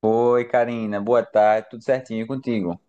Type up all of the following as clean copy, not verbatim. Oi, Karina. Boa tarde. Tudo certinho e contigo?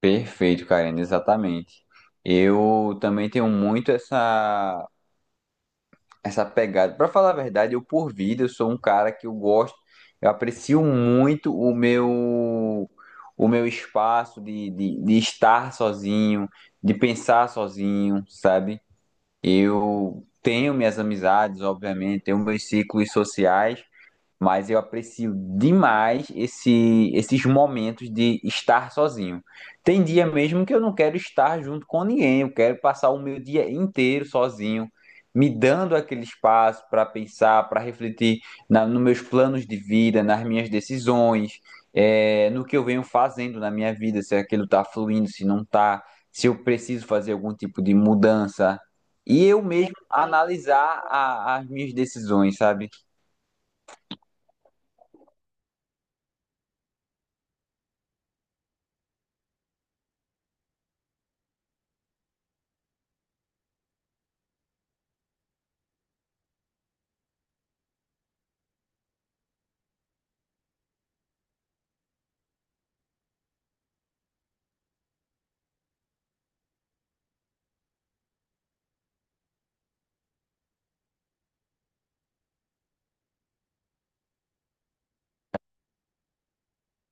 Perfeito, Karina. Exatamente. Eu também tenho muito essa pegada. Para falar a verdade, eu por vida, eu sou um cara que eu gosto, eu aprecio muito o meu espaço de estar sozinho, de pensar sozinho, sabe? Eu tenho minhas amizades, obviamente, tenho meus ciclos sociais, mas eu aprecio demais esses momentos de estar sozinho. Tem dia mesmo que eu não quero estar junto com ninguém, eu quero passar o meu dia inteiro sozinho, me dando aquele espaço para pensar, para refletir nos meus planos de vida, nas minhas decisões, no que eu venho fazendo na minha vida, se aquilo está fluindo, se não está, se eu preciso fazer algum tipo de mudança. E eu mesmo analisar as minhas decisões, sabe?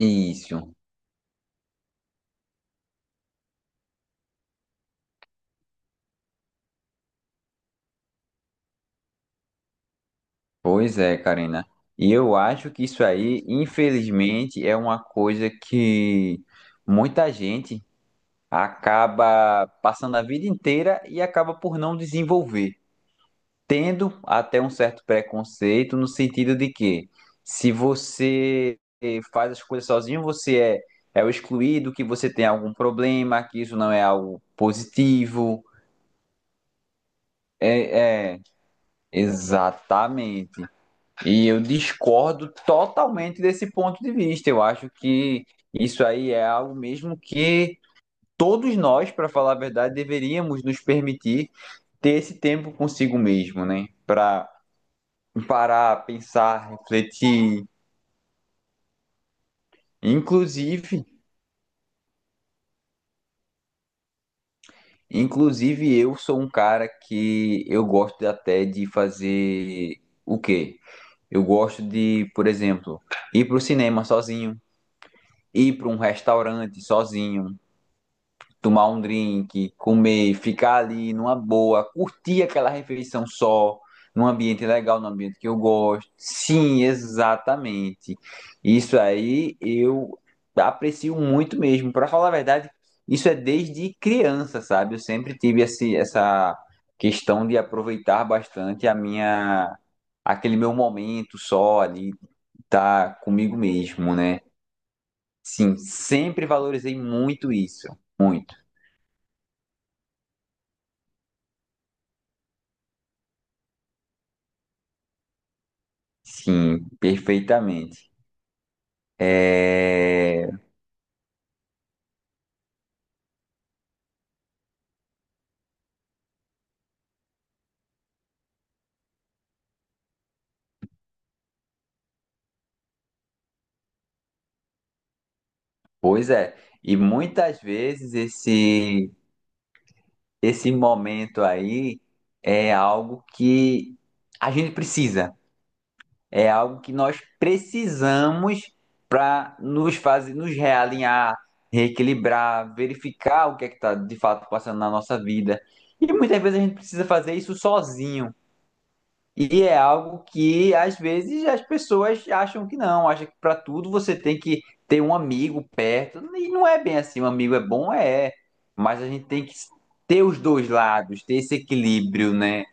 Isso. Pois é, Karina. E eu acho que isso aí, infelizmente, é uma coisa que muita gente acaba passando a vida inteira e acaba por não desenvolver, tendo até um certo preconceito no sentido de que se você faz as coisas sozinho, você é o excluído, que você tem algum problema, que isso não é algo positivo. É, é, exatamente. E eu discordo totalmente desse ponto de vista. Eu acho que isso aí é algo mesmo que todos nós, para falar a verdade, deveríamos nos permitir ter esse tempo consigo mesmo, né? Para parar, pensar, refletir. Inclusive, inclusive, eu sou um cara que eu gosto até de fazer o quê? Eu gosto de, por exemplo, ir para o cinema sozinho, ir para um restaurante sozinho, tomar um drink, comer, ficar ali numa boa, curtir aquela refeição só, num ambiente legal, num ambiente que eu gosto. Sim, exatamente. Isso aí eu aprecio muito mesmo. Para falar a verdade, isso é desde criança, sabe? Eu sempre tive essa questão de aproveitar bastante a minha aquele meu momento só ali, tá comigo mesmo, né? Sim, sempre valorizei muito isso, muito. Sim, perfeitamente. É, pois é, e muitas vezes esse momento aí é algo que a gente precisa, é algo que nós precisamos para nos fazer, nos realinhar, reequilibrar, verificar o que é que está de fato passando na nossa vida. E muitas vezes a gente precisa fazer isso sozinho. E é algo que às vezes as pessoas acham que não, acham que para tudo você tem que ter um amigo perto. E não é bem assim, um amigo é bom, mas a gente tem que ter os dois lados, ter esse equilíbrio, né?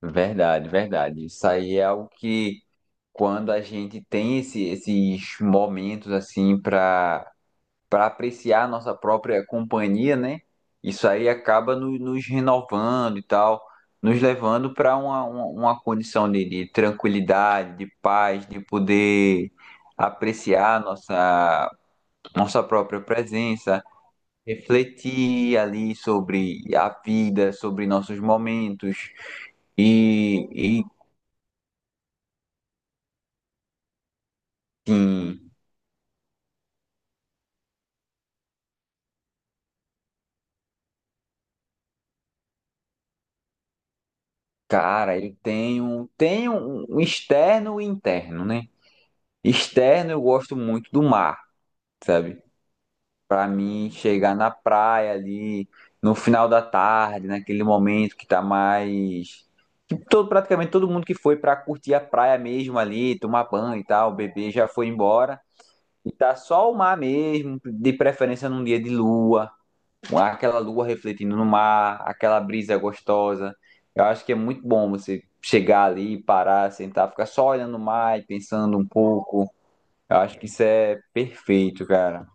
Verdade, verdade. Isso aí é algo que quando a gente tem esses momentos assim para apreciar a nossa própria companhia, né? Isso aí acaba nos renovando e tal, nos levando para uma condição de tranquilidade, de paz, de poder apreciar nossa, nossa própria presença, refletir ali sobre a vida, sobre nossos momentos. E, e sim, cara, eu tenho um externo e interno, né? Externo, eu gosto muito do mar. Sabe? Pra mim chegar na praia ali no final da tarde, naquele momento que tá mais que todo praticamente todo mundo que foi pra curtir a praia mesmo ali, tomar banho e tal, o bebê já foi embora e tá só o mar mesmo, de preferência num dia de lua, com aquela lua refletindo no mar, aquela brisa gostosa. Eu acho que é muito bom você chegar ali, parar, sentar, ficar só olhando o mar e pensando um pouco. Eu acho que isso é perfeito, cara.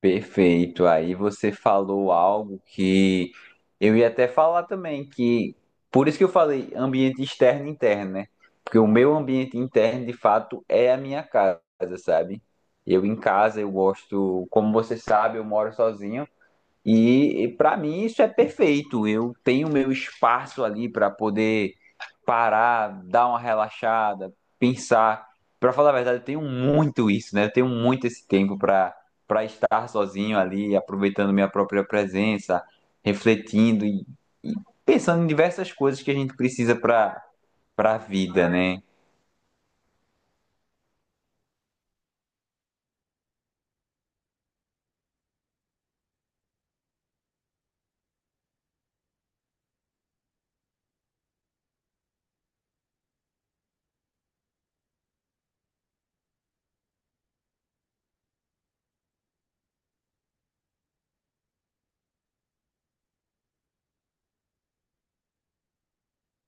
Perfeito. Aí você falou algo que eu ia até falar também, que por isso que eu falei ambiente externo e interno, né? Porque o meu ambiente interno, de fato, é a minha casa, sabe? Eu em casa, eu gosto, como você sabe, eu moro sozinho. Para mim isso é perfeito. Eu tenho meu espaço ali para poder parar, dar uma relaxada, pensar. Para falar a verdade, eu tenho muito isso, né? Eu tenho muito esse tempo para estar sozinho ali, aproveitando minha própria presença, refletindo e pensando em diversas coisas que a gente precisa para a vida, né?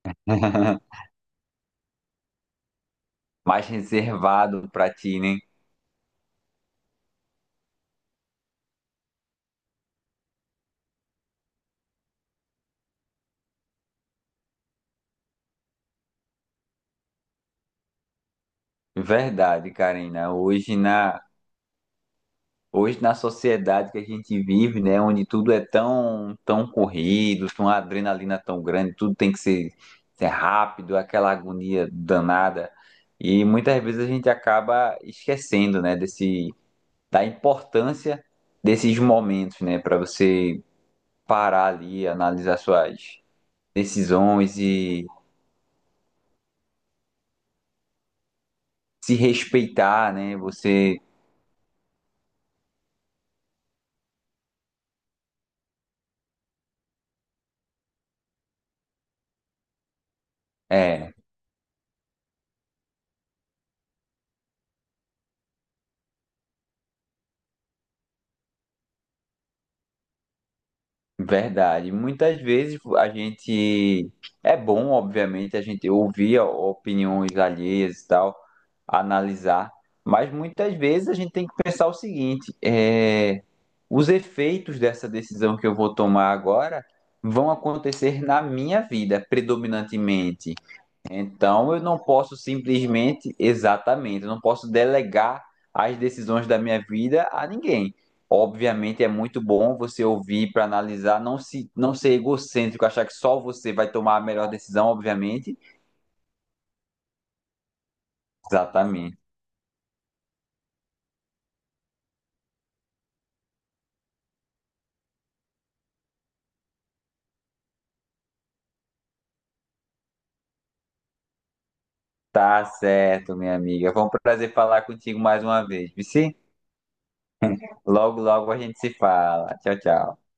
Mais reservado para ti, né? Verdade, Karina. Hoje, na sociedade que a gente vive, né, onde tudo é tão, tão corrido, tem uma adrenalina tão grande, tudo tem que ser, ser rápido, aquela agonia danada. E muitas vezes a gente acaba esquecendo, né, da importância desses momentos, né, para você parar ali, analisar suas decisões e se respeitar, né, você. É, verdade. Muitas vezes a gente é bom, obviamente, a gente ouvir opiniões alheias e tal, analisar, mas muitas vezes a gente tem que pensar o seguinte: os efeitos dessa decisão que eu vou tomar agora vão acontecer na minha vida, predominantemente. Então, eu não posso simplesmente, exatamente, eu não posso delegar as decisões da minha vida a ninguém. Obviamente é muito bom você ouvir para analisar, não ser egocêntrico, achar que só você vai tomar a melhor decisão, obviamente. Exatamente. Tá certo, minha amiga. Foi um prazer falar contigo mais uma vez, Vici. Logo, logo a gente se fala. Tchau, tchau.